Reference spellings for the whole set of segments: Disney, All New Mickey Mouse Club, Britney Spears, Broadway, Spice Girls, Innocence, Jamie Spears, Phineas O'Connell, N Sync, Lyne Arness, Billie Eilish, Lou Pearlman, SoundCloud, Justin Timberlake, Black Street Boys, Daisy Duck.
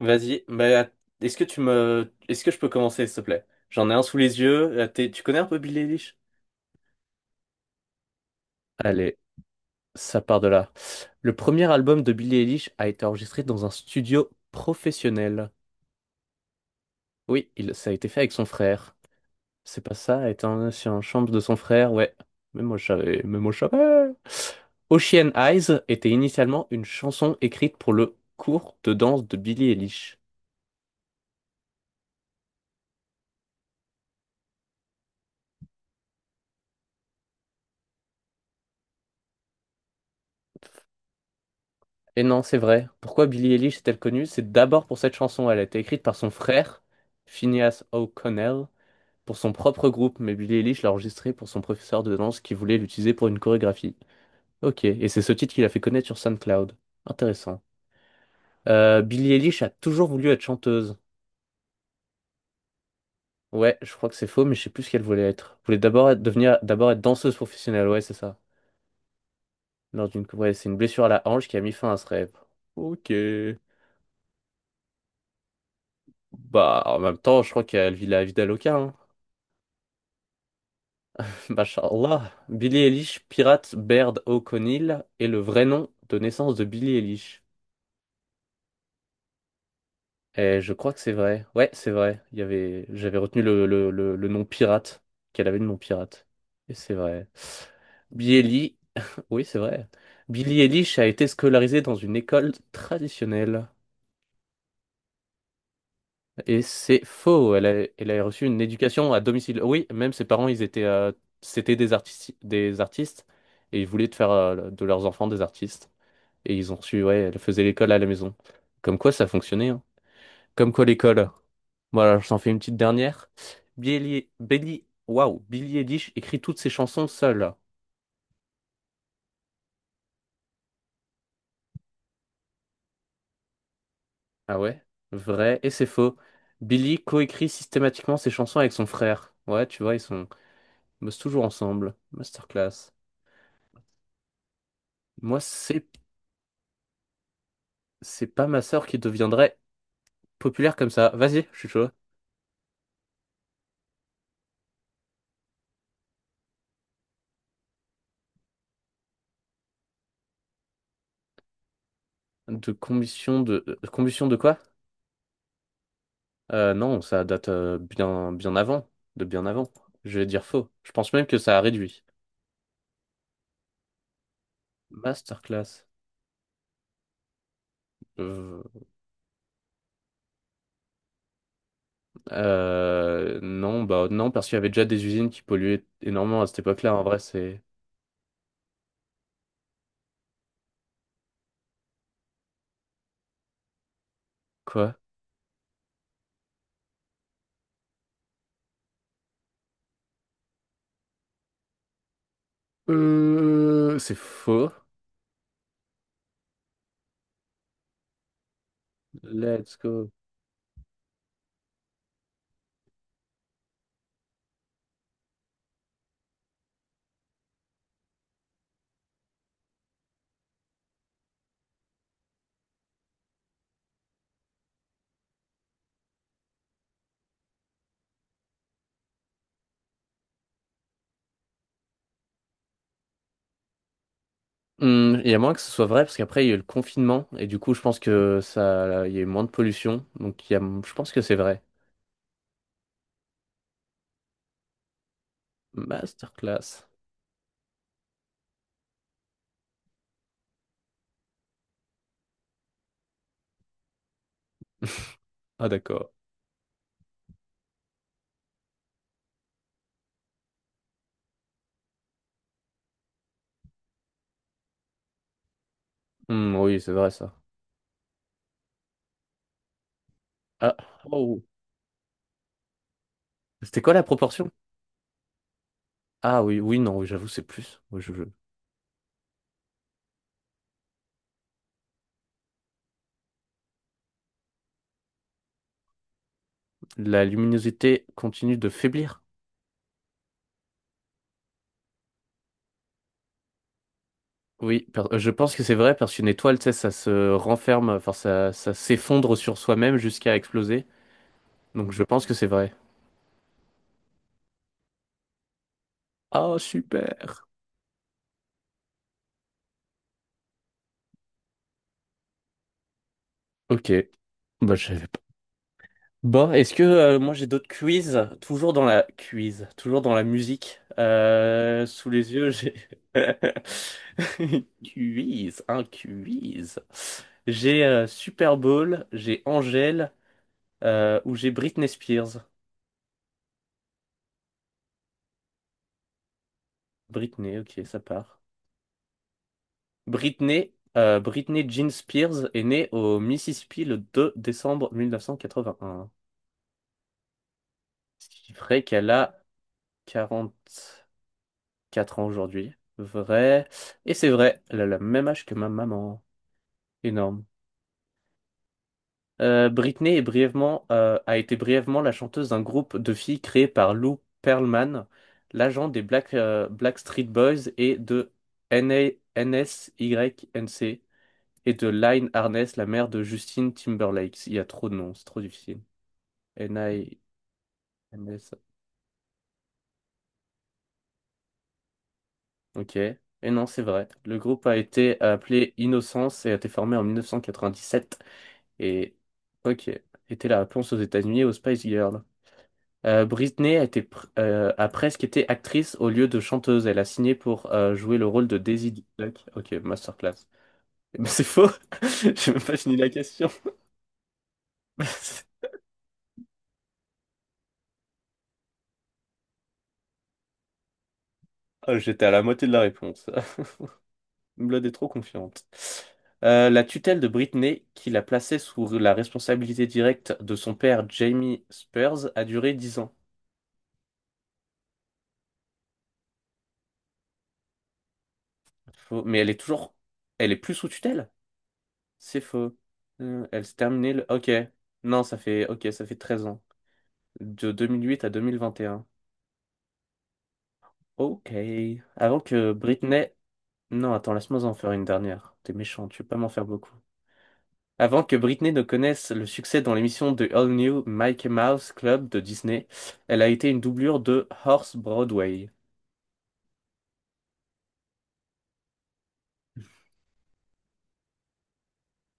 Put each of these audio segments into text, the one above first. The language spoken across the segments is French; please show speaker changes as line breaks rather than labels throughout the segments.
Vas-y, bah, est-ce que je peux commencer, s'il te plaît? J'en ai un sous les yeux. Là, Tu connais un peu Billie Eilish? Allez, ça part de là. Le premier album de Billie Eilish a été enregistré dans un studio professionnel. Oui, ça a été fait avec son frère. C'est pas ça, étant sur une chambre de son frère, ouais. Même moi, je savais, même moi, je savais. Ocean Eyes était initialement une chanson écrite pour le cours de danse de Billie Eilish. Et non, c'est vrai. Pourquoi Billie Eilish est-elle connue? C'est d'abord pour cette chanson. Elle a été écrite par son frère, Phineas O'Connell, pour son propre groupe, mais Billie Eilish l'a enregistrée pour son professeur de danse qui voulait l'utiliser pour une chorégraphie. Ok, et c'est ce titre qui l'a fait connaître sur SoundCloud. Intéressant. Billie Eilish a toujours voulu être chanteuse. Ouais, je crois que c'est faux, mais je sais plus ce qu'elle voulait être. Elle voulait d'abord devenir, d'abord être danseuse professionnelle, ouais, c'est ça. Ouais, c'est une blessure à la hanche qui a mis fin à ce rêve. Ok. Bah, en même temps, je crois qu'elle vit la vie d'Aloca. Mashallah. Billy Eilish, pirate Baird O'Connell, est le vrai nom de naissance de Billy Eilish. Et je crois que c'est vrai. Ouais, c'est vrai. Il y avait, j'avais retenu le nom pirate, qu'elle avait le nom pirate. Et c'est vrai. Billie Eilish, oui, c'est vrai. Billie Eilish a été scolarisée dans une école traditionnelle. Et c'est faux. Elle a reçu une éducation à domicile. Oui, même ses parents, ils étaient, c'était des artistes, et ils voulaient faire de leurs enfants des artistes. Et ils ont reçu, ouais, elle faisait l'école à la maison. Comme quoi, ça fonctionnait, hein. Comme quoi, l'école. Voilà, je t'en fais une petite dernière. Billy Eilish écrit toutes ses chansons seule. Ah ouais? Vrai, et c'est faux. Billy coécrit systématiquement ses chansons avec son frère. Ouais, tu vois, ils bossent toujours ensemble. Masterclass. Moi, c'est pas ma sœur qui deviendrait populaire comme ça. Vas-y, je suis chaud. De combustion de combustion de quoi? Non, ça date bien, bien avant, de bien avant. Je vais dire faux. Je pense même que ça a réduit. Masterclass. Euh, non, bah non, parce qu'il y avait déjà des usines qui polluaient énormément à cette époque-là. En vrai, c'est quoi? C'est faux. Let's go. Il y a moins que ce soit vrai parce qu'après il y a eu le confinement et du coup je pense que ça, il y a eu moins de pollution donc il y a, je pense que c'est vrai. Masterclass. Ah d'accord. Oui, c'est vrai ça. Ah, oh. C'était quoi la proportion? Ah oui, oui, non, oui, j'avoue, c'est plus. Oui, La luminosité continue de faiblir. Oui, je pense que c'est vrai parce qu'une étoile, tu sais, ça se renferme, enfin, ça s'effondre sur soi-même jusqu'à exploser. Donc je pense que c'est vrai. Ah, super! Ok, bah, je savais. Bon, est-ce que moi j'ai d'autres quiz, toujours dans la quiz, toujours dans la musique. Sous les yeux, j'ai quiz, un quiz. J'ai Super Bowl, j'ai Angèle ou j'ai Britney Spears. Britney, ok, ça part. Britney Jean Spears est née au Mississippi le 2 décembre 1981. Ce qui ferait qu'elle a 40. 4 ans aujourd'hui. Vrai. Et c'est vrai, elle a le même âge que ma maman. Énorme. Britney a été brièvement la chanteuse d'un groupe de filles créé par Lou Pearlman, l'agent des Black Street Boys et de N N A N S Y N C et de Lyne Arness, la mère de Justin Timberlake. Il y a trop de noms, c'est trop difficile. N N A N S. Ok. Et non, c'est vrai. Le groupe a été appelé Innocence et a été formé en 1997. Et ok, était la réponse aux États-Unis et aux Spice Girls. Britney a presque été actrice au lieu de chanteuse. Elle a signé pour jouer le rôle de Daisy Duck. Ok, masterclass. Mais c'est faux. J'ai même pas fini la question. Oh, j'étais à la moitié de la réponse. Blood est trop confiante. La tutelle de Britney, qui la plaçait sous la responsabilité directe de son père Jamie Spears, a duré 10 ans. Faux. Mais elle est toujours… Elle est plus sous tutelle? C'est faux. Elle s'est terminée le… Ok. Non, ça fait… Ok, ça fait 13 ans. De 2008 à 2021. Ok. Avant que Britney… Non, attends, laisse-moi en faire une dernière. T'es méchant, tu peux pas m'en faire beaucoup. Avant que Britney ne connaisse le succès dans l'émission de All New Mickey Mouse Club de Disney, elle a été une doublure de Horse Broadway.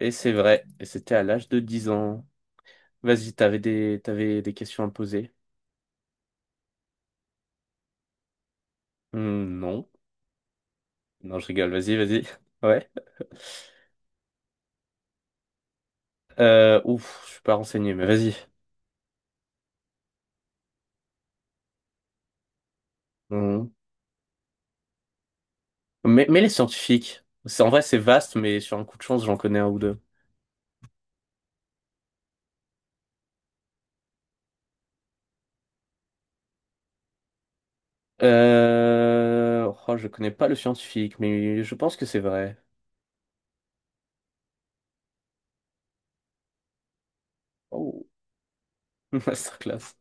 Et c'est vrai. Et c'était à l'âge de 10 ans. Vas-y, t'avais des questions à me poser? Hmm, non. Non, je rigole. Vas-y, vas-y. Ouais. Ouf, je suis pas renseigné, mais vas-y. Mhm. Mais les scientifiques, c'est en vrai c'est vaste, mais sur un coup de chance j'en connais un ou deux. Oh, je connais pas le scientifique, mais je pense que c'est vrai. Oh, masterclass.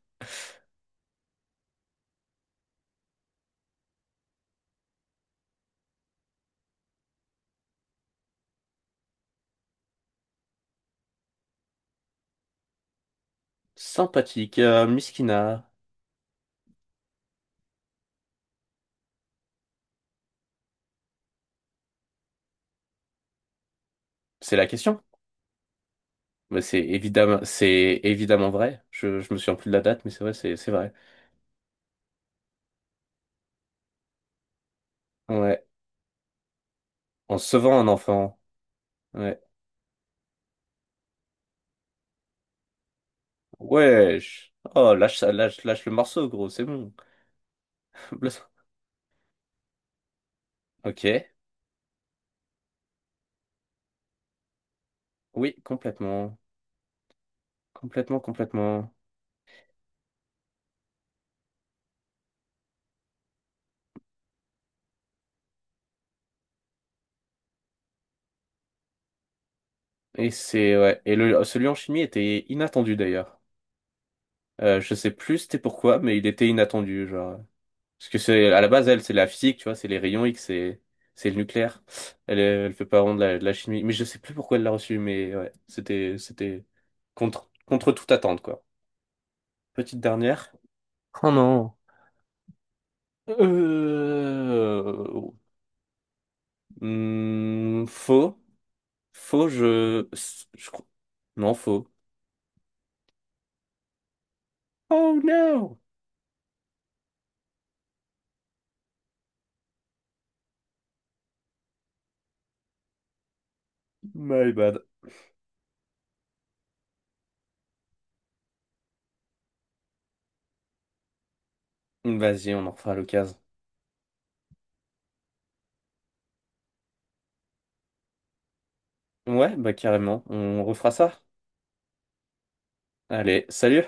Sympathique, Miskina. C'est la question. Mais c'est évidemment vrai. Je me souviens plus de la date, mais c'est vrai, c'est vrai. Ouais. En sauvant un enfant. Ouais. Wesh. Oh, lâche ça, lâche le morceau, gros, c'est bon. Ok. Oui, complètement. Complètement, complètement. Et c'est ouais. Et le celui en chimie était inattendu d'ailleurs. Je sais plus c'était pourquoi, mais il était inattendu, genre. Parce que c'est à la base elle, c'est la physique, tu vois, c'est les rayons X, c'est le nucléaire. Elle fait pas vraiment de la, chimie, mais je sais plus pourquoi elle l'a reçu, mais ouais, c'était contre toute attente quoi. Petite dernière. Oh non. Euh... hmm, faux, faux, je, crois- non faux. Oh no, my bad. Vas-y, on en refera à l'occasion. Ouais, bah carrément, on refera ça. Allez, salut!